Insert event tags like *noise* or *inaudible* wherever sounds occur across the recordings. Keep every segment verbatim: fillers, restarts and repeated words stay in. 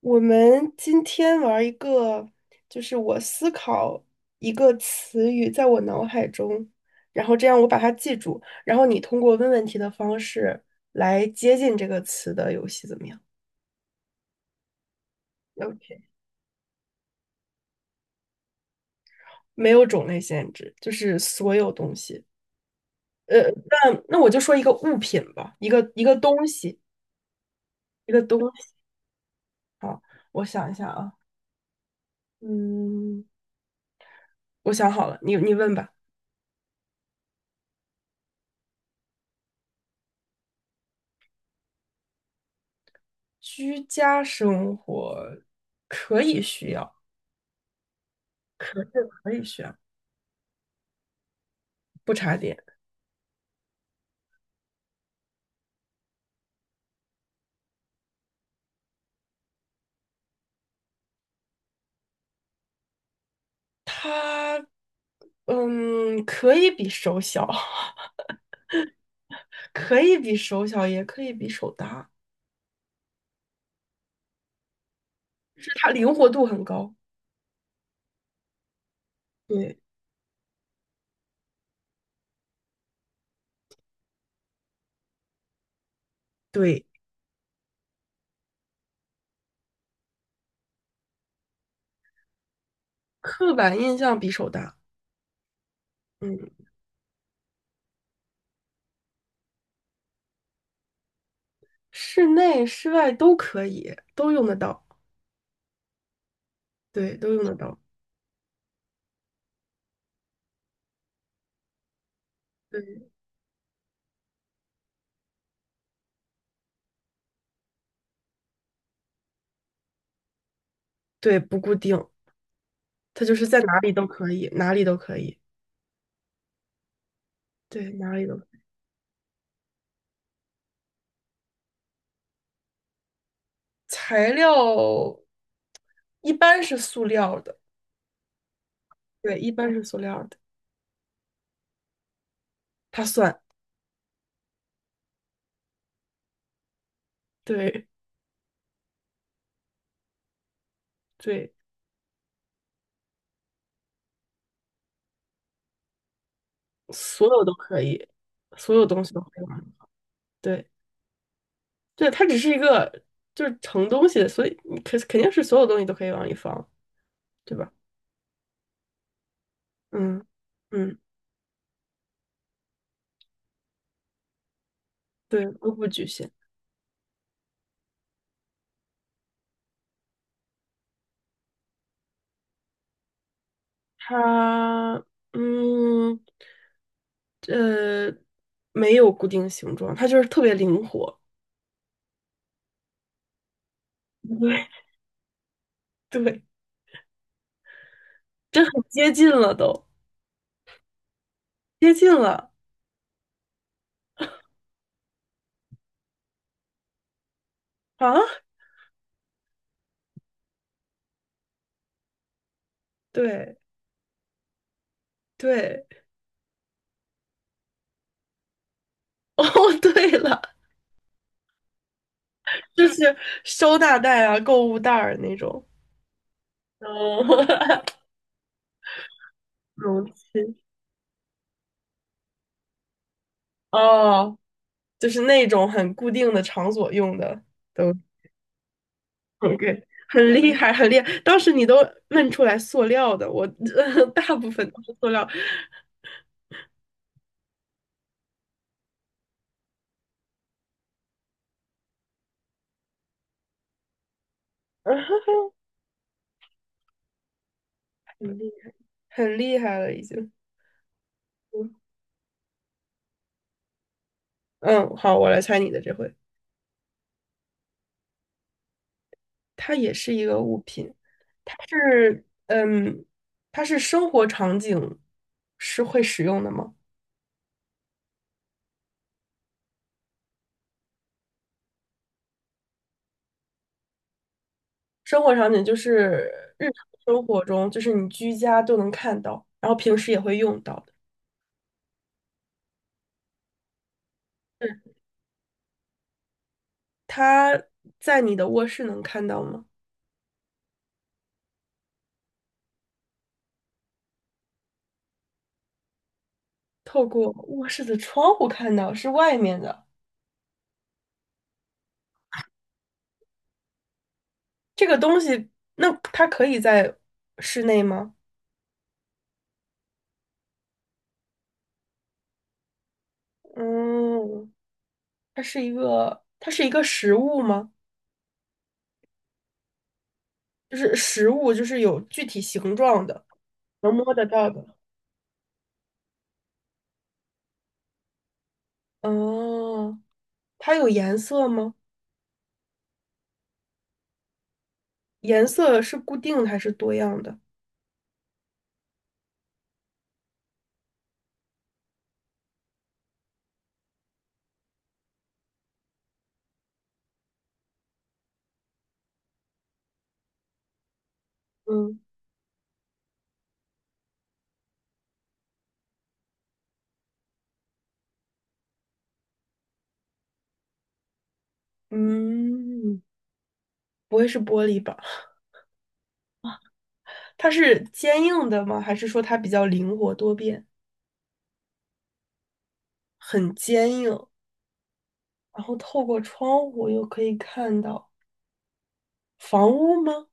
我们今天玩一个，就是我思考一个词语在我脑海中，然后这样我把它记住，然后你通过问问题的方式来接近这个词的游戏，怎么样？OK,没有种类限制，就是所有东西。呃，那那我就说一个物品吧，一个一个东西，一个东西。啊，我想一下啊，嗯，我想好了，你你问吧。居家生活可以需要。可以可以学不插电。它嗯，可以比手小，*laughs* 可以比手小，也可以比手大，就它灵活度很高。对对，刻板印象比手大。嗯，室内室外都可以，都用得到。对，都用得到。对对，不固定，它就是在哪里都可以，哪里都可以。对，哪里都可以材料一般是塑料的，对，一般是塑料的，它算。对对。所有都可以，所有东西都可以玩。对，对，它只是一个就是盛东西的，所以你肯肯定是所有东西都可以往里放，对吧？嗯嗯，对，都不局限。它嗯呃没有固定形状，它就是特别灵活。*laughs* 对对，这很接近了都，接近了啊！对对，*laughs* 哦，对了，就是收纳袋啊、购物袋儿那种。哦，*laughs* 容器。哦，就是那种很固定的场所用的都 *laughs* OK,很厉害，很厉害。当时你都问出来塑料的，我 *laughs* 大部分都是塑料，*laughs* 很厉害，很厉害了已经。嗯，嗯好，我来猜你的这回，它也是一个物品，它是嗯，它是生活场景是会使用的吗？生活场景就是日常生活中，就是你居家都能看到，然后平时也会用到的。嗯，它在你的卧室能看到吗？透过卧室的窗户看到，是外面的。这个东西，那它可以在室内吗？嗯，它是一个，它是一个实物吗？就是实物，就是有具体形状的，能摸得到的。哦，它有颜色吗？颜色是固定的还是多样的？嗯。嗯，不会是玻璃吧？它是坚硬的吗？还是说它比较灵活多变，很坚硬？然后透过窗户又可以看到房屋吗？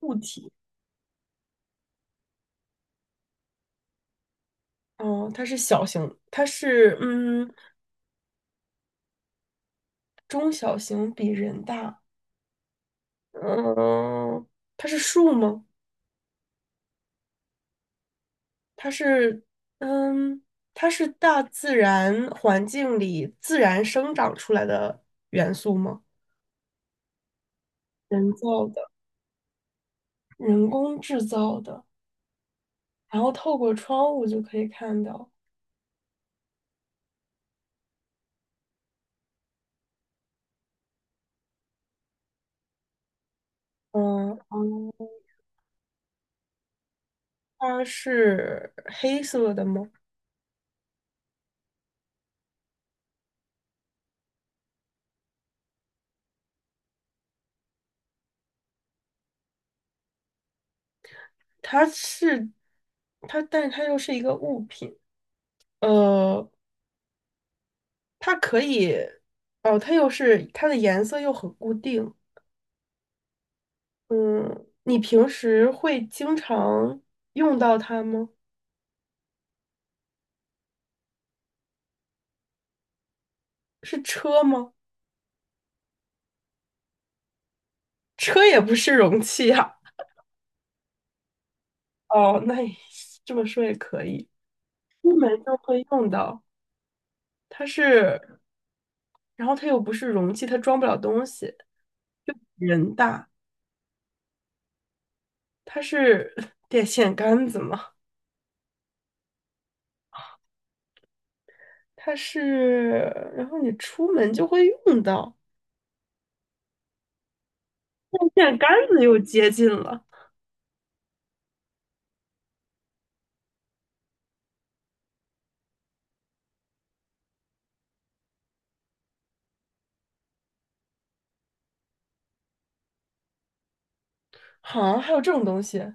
物体？哦，它是小型，它是嗯中小型，比人大。嗯，它是树吗？它是嗯，它是大自然环境里自然生长出来的元素吗？人造的，人工制造的。然后透过窗户就可以看到，嗯，哦，它是黑色的吗？它是，它，但是它又是一个物品，呃，它可以，哦，它又是它的颜色又很固定，嗯，你平时会经常用到它吗？是车吗？车也不是容器啊，哦，那也这么说也可以，出门就会用到，它是。然后它又不是容器，它装不了东西。人大，它是电线杆子嘛，它是，然后你出门就会用到。电线杆子又接近了，好，还有这种东西，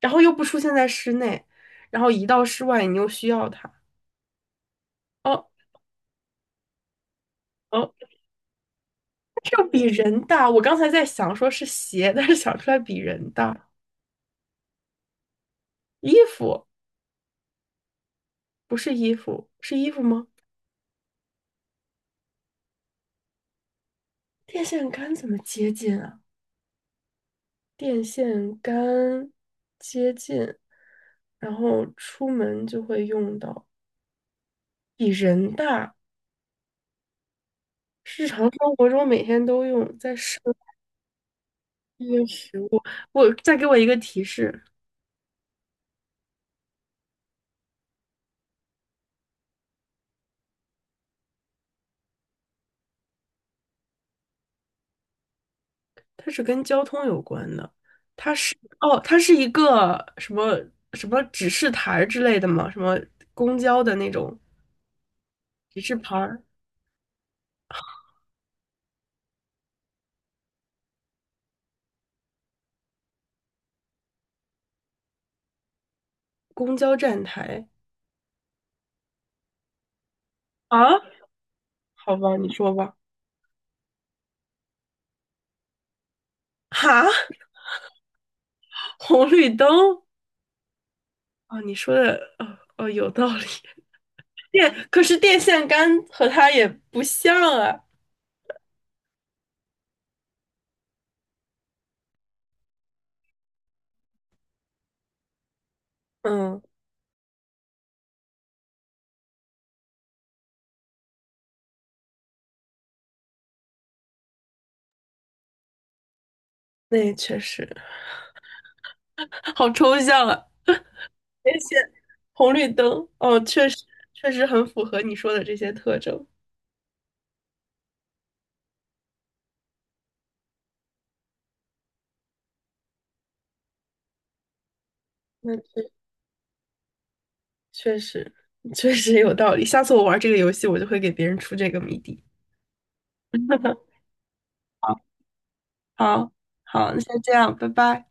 然后又不出现在室内，然后一到室外你又需要它。哦哦，这又比人大。我刚才在想说是鞋，但是想出来比人大。衣服不是衣服，是衣服吗？电线杆怎么接近啊？电线杆接近，然后出门就会用到，比人大，日常生活中每天都用，在生活食物。我再给我一个提示，它是跟交通有关的，它是哦，它是一个什么什么指示牌儿之类的吗？什么公交的那种指示牌儿，公交站台啊？好吧，你说吧。*laughs* 哈，红绿灯啊？你说的哦哦有道理。电，可是电线杆和它也不像啊。嗯，那也确实好抽象啊。电线，红绿灯，哦，确实确实很符合你说的这些特征。那确确实确实有道理。下次我玩这个游戏，我就会给别人出这个谜底。好，好，那先这样，拜拜。